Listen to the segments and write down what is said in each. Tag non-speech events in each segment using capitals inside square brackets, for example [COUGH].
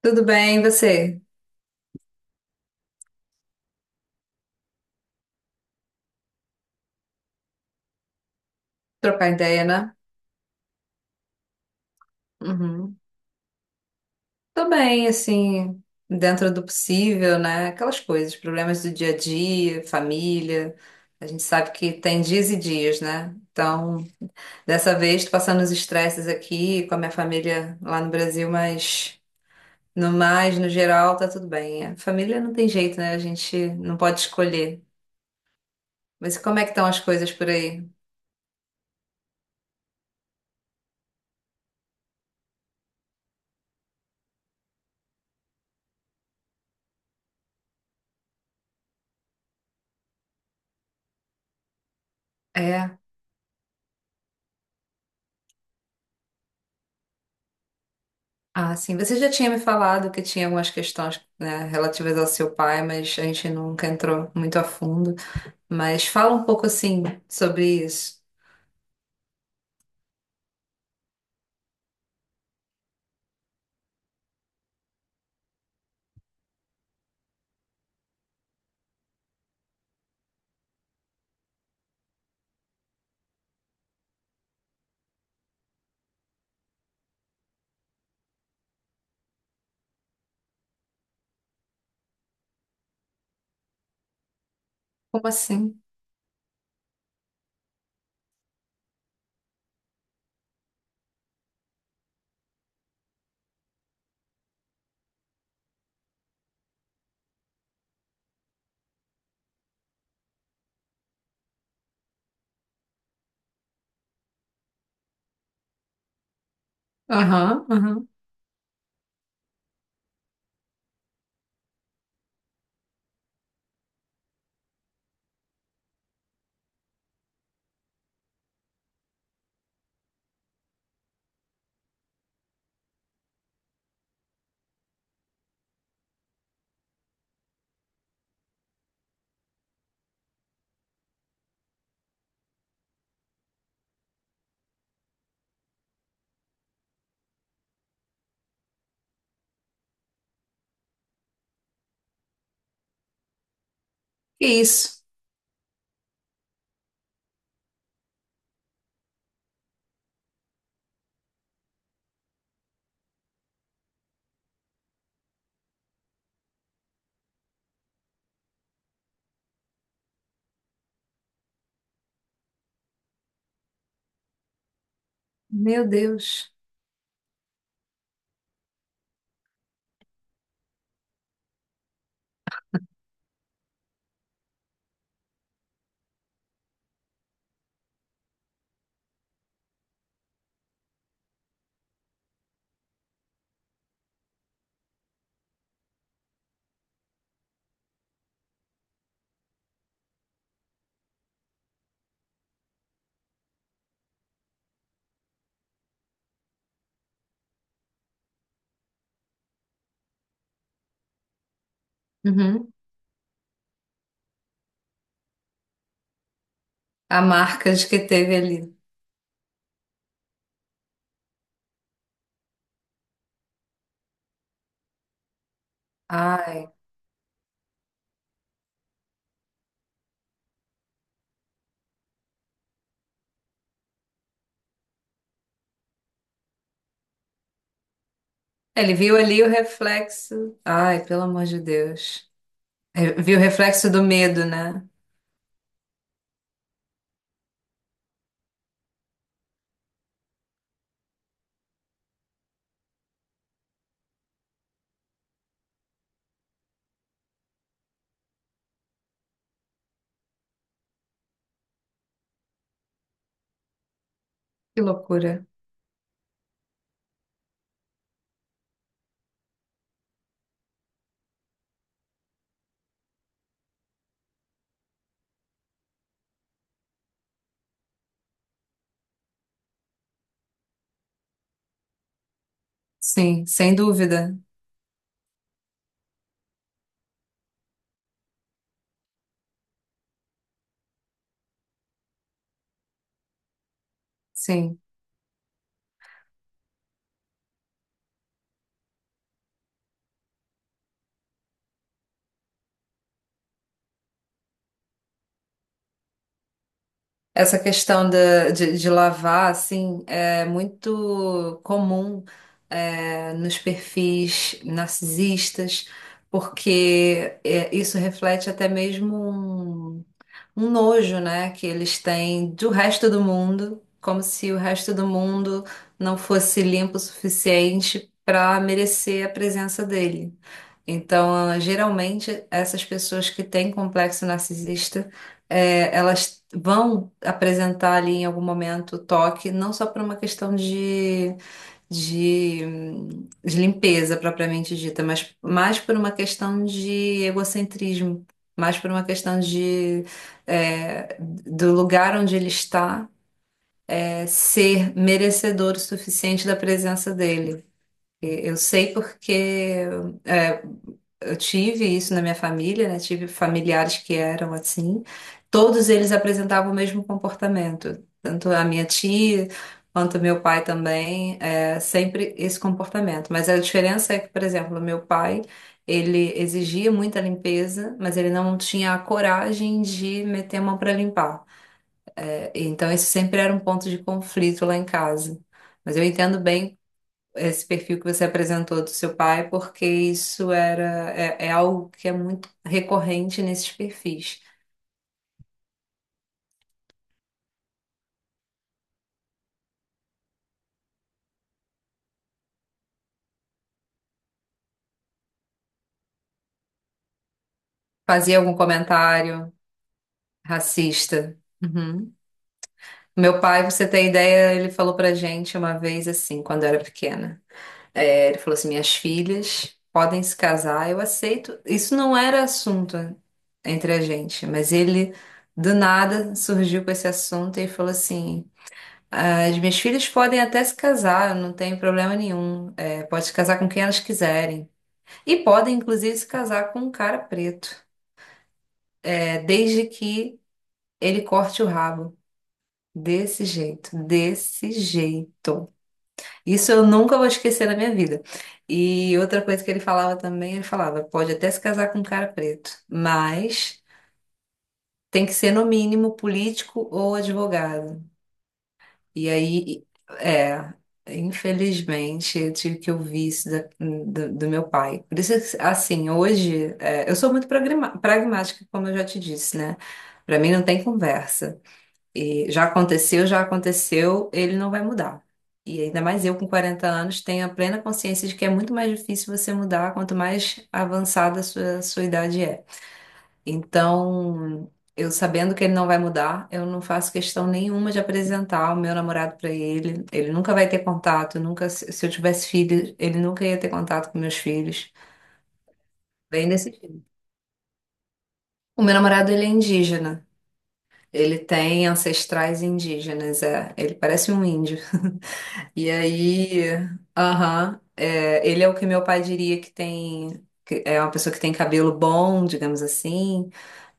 Tudo bem, e você? Trocar ideia, né? Uhum. Tô bem, assim, dentro do possível, né? Aquelas coisas, problemas do dia a dia, família. A gente sabe que tem dias e dias, né? Então, dessa vez, tô passando os estresses aqui com a minha família lá no Brasil, mas no mais, no geral, tá tudo bem. A família não tem jeito, né? A gente não pode escolher. Mas e como é que estão as coisas por aí? É. Ah, sim. Você já tinha me falado que tinha algumas questões, né, relativas ao seu pai, mas a gente nunca entrou muito a fundo. Mas fala um pouco assim sobre isso. Como assim? Aham, aham. Que isso? Meu Deus. Uhum. A marca de que teve ali. Ai. Ele viu ali o reflexo. Ai, pelo amor de Deus. Viu o reflexo do medo, né? Que loucura. Sim, sem dúvida. Sim. Essa questão de lavar, assim, é muito comum, nos perfis narcisistas, porque isso reflete até mesmo um, um nojo, né, que eles têm do resto do mundo, como se o resto do mundo não fosse limpo o suficiente para merecer a presença dele. Então, geralmente, essas pessoas que têm complexo narcisista elas vão apresentar ali em algum momento toque, não só por uma questão de limpeza propriamente dita, mas mais por uma questão de egocentrismo, mais por uma questão de do lugar onde ele está ser merecedor o suficiente da presença dele. E eu sei porque é, eu tive isso na minha família, né? Tive familiares que eram assim. Todos eles apresentavam o mesmo comportamento. Tanto a minha tia quanto meu pai também, sempre esse comportamento. Mas a diferença é que, por exemplo, o meu pai, ele exigia muita limpeza, mas ele não tinha a coragem de meter a mão para limpar. Então, esse sempre era um ponto de conflito lá em casa. Mas eu entendo bem esse perfil que você apresentou do seu pai, porque isso é algo que é muito recorrente nesses perfis. Fazia algum comentário racista. Uhum. Meu pai, você tem ideia, ele falou pra gente uma vez assim, quando eu era pequena. É, ele falou assim: minhas filhas podem se casar, eu aceito. Isso não era assunto entre a gente, mas ele do nada surgiu com esse assunto e falou assim. As minhas filhas podem até se casar, não tem problema nenhum. É, pode se casar com quem elas quiserem. E podem, inclusive, se casar com um cara preto. É, desde que ele corte o rabo. Desse jeito, desse jeito. Isso eu nunca vou esquecer na minha vida. E outra coisa que ele falava também, ele falava, pode até se casar com um cara preto, mas tem que ser no mínimo político ou advogado. E aí, é, infelizmente, eu tive que ouvir isso do meu pai. Por isso, assim, hoje, eu sou muito pragmática, como eu já te disse, né? Pra mim não tem conversa. E já aconteceu, ele não vai mudar. E ainda mais eu com 40 anos tenho a plena consciência de que é muito mais difícil você mudar quanto mais avançada a sua idade é. Então, eu sabendo que ele não vai mudar, eu não faço questão nenhuma de apresentar o meu namorado para ele. Ele nunca vai ter contato, nunca, se eu tivesse filhos, ele nunca ia ter contato com meus filhos. Bem desse filme. O meu namorado, ele é indígena. Ele tem ancestrais indígenas, é. Ele parece um índio. E aí, aham, ele é o que meu pai diria que tem, que é uma pessoa que tem cabelo bom, digamos assim.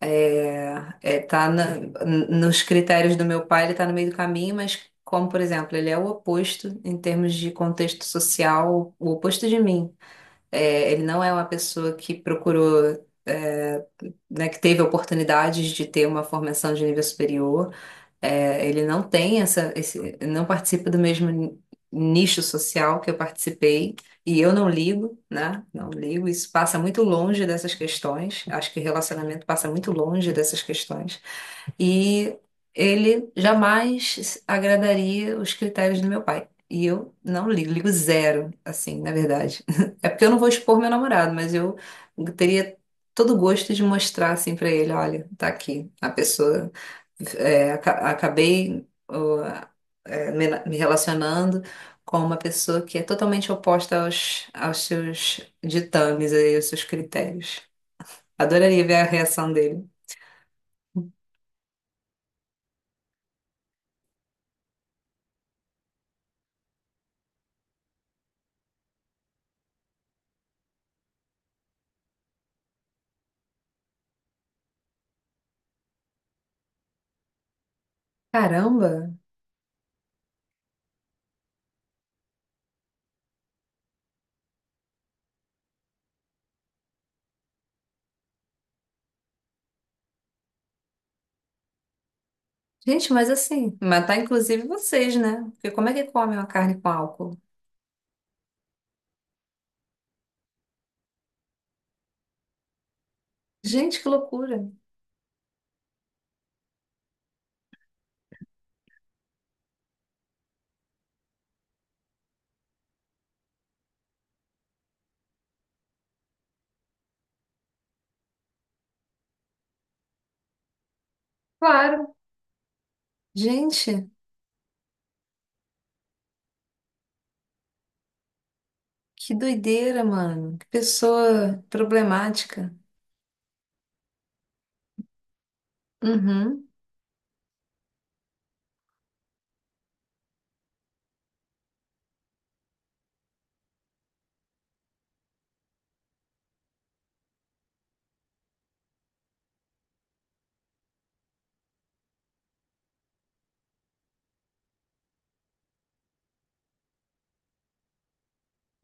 É, tá nos critérios do meu pai, ele tá no meio do caminho, mas como, por exemplo, ele é o oposto em termos de contexto social, o oposto de mim. Ele não é uma pessoa que procurou, né, que teve oportunidades de ter uma formação de nível superior. Ele não tem não participa do mesmo nicho social que eu participei, e eu não ligo, né? Não ligo. Isso passa muito longe dessas questões. Acho que relacionamento passa muito longe dessas questões. E ele jamais agradaria os critérios do meu pai. E eu não ligo, ligo zero, assim, na verdade. [LAUGHS] É porque eu não vou expor meu namorado, mas eu teria todo o gosto de mostrar assim pra ele, olha, tá aqui a pessoa acabei ó, me relacionando com uma pessoa que é totalmente oposta aos seus ditames e aos seus critérios. Adoraria ver a reação dele. Caramba! Gente, mas assim, matar inclusive vocês, né? Porque como é que comem uma carne com álcool? Gente, que loucura! Claro! Gente, que doideira, mano! Que pessoa problemática. Uhum,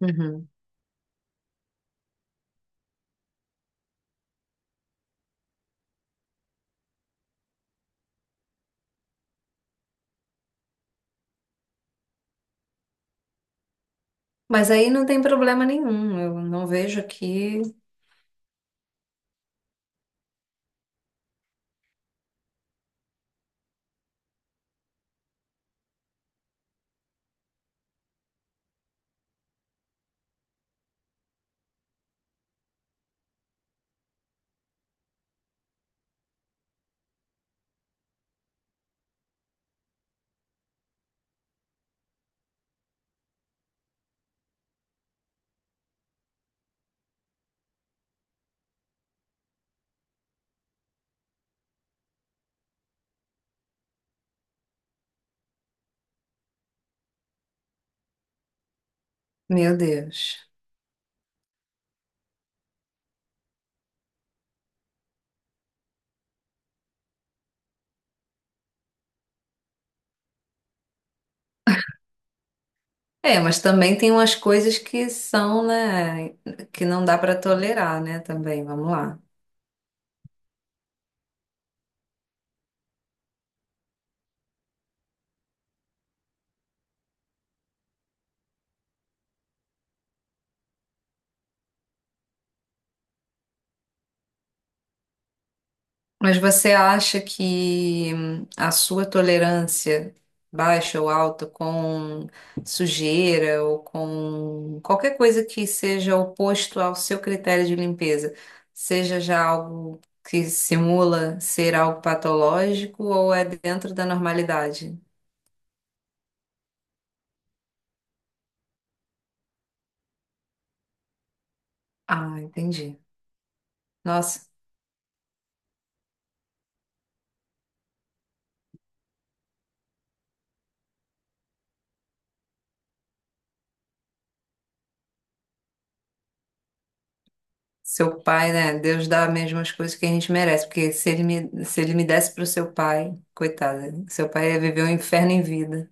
uhum. Mas aí não tem problema nenhum. Eu não vejo aqui. Meu Deus. É, mas também tem umas coisas que são, né, que não dá para tolerar, né, também, vamos lá. Mas você acha que a sua tolerância baixa ou alta com sujeira ou com qualquer coisa que seja oposto ao seu critério de limpeza, seja já algo que simula ser algo patológico ou é dentro da normalidade? Ah, entendi. Nossa. Seu pai, né? Deus dá mesmo as coisas que a gente merece, porque se ele me desse pro seu pai, coitado, seu pai ia viver um inferno em vida.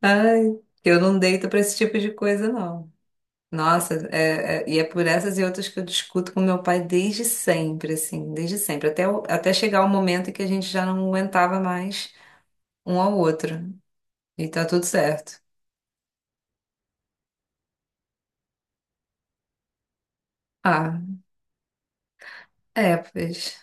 Ai, eu não deito pra esse tipo de coisa, não. Nossa, e é por essas e outras que eu discuto com meu pai desde sempre, assim, desde sempre, até, até chegar o momento em que a gente já não aguentava mais um ao outro. E tá tudo certo. Ah, é, pois.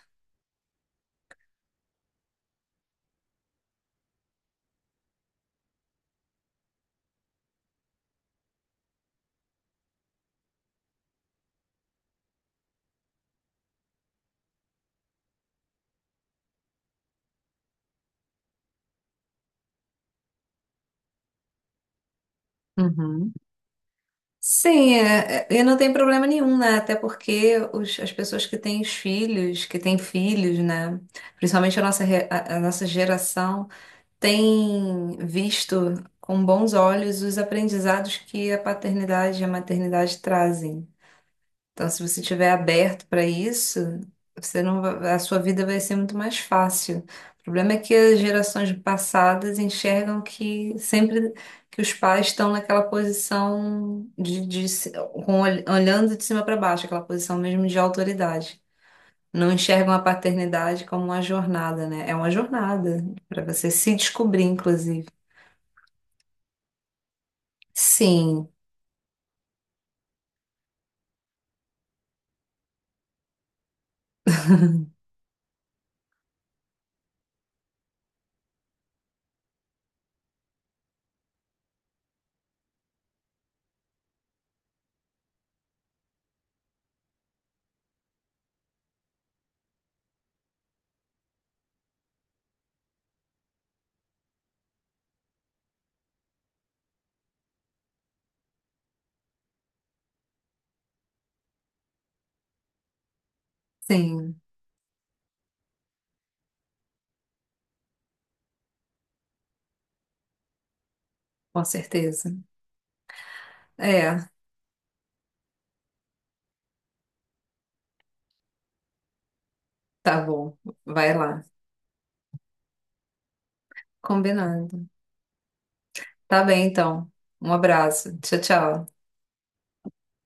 Uhum. Sim, e não tem problema nenhum, né? Até porque as pessoas que têm os filhos, que têm filhos, né? Principalmente a nossa geração, tem visto com bons olhos os aprendizados que a paternidade e a maternidade trazem. Então, se você estiver aberto para isso, você não va- a sua vida vai ser muito mais fácil. O problema é que as gerações passadas enxergam que sempre que os pais estão naquela posição de olhando de cima para baixo, aquela posição mesmo de autoridade. Não enxergam a paternidade como uma jornada, né? É uma jornada para você se descobrir, inclusive. Sim, sim, com certeza. É, tá bom. Vai lá. Combinado. Tá bem, então. Um abraço. Tchau, tchau.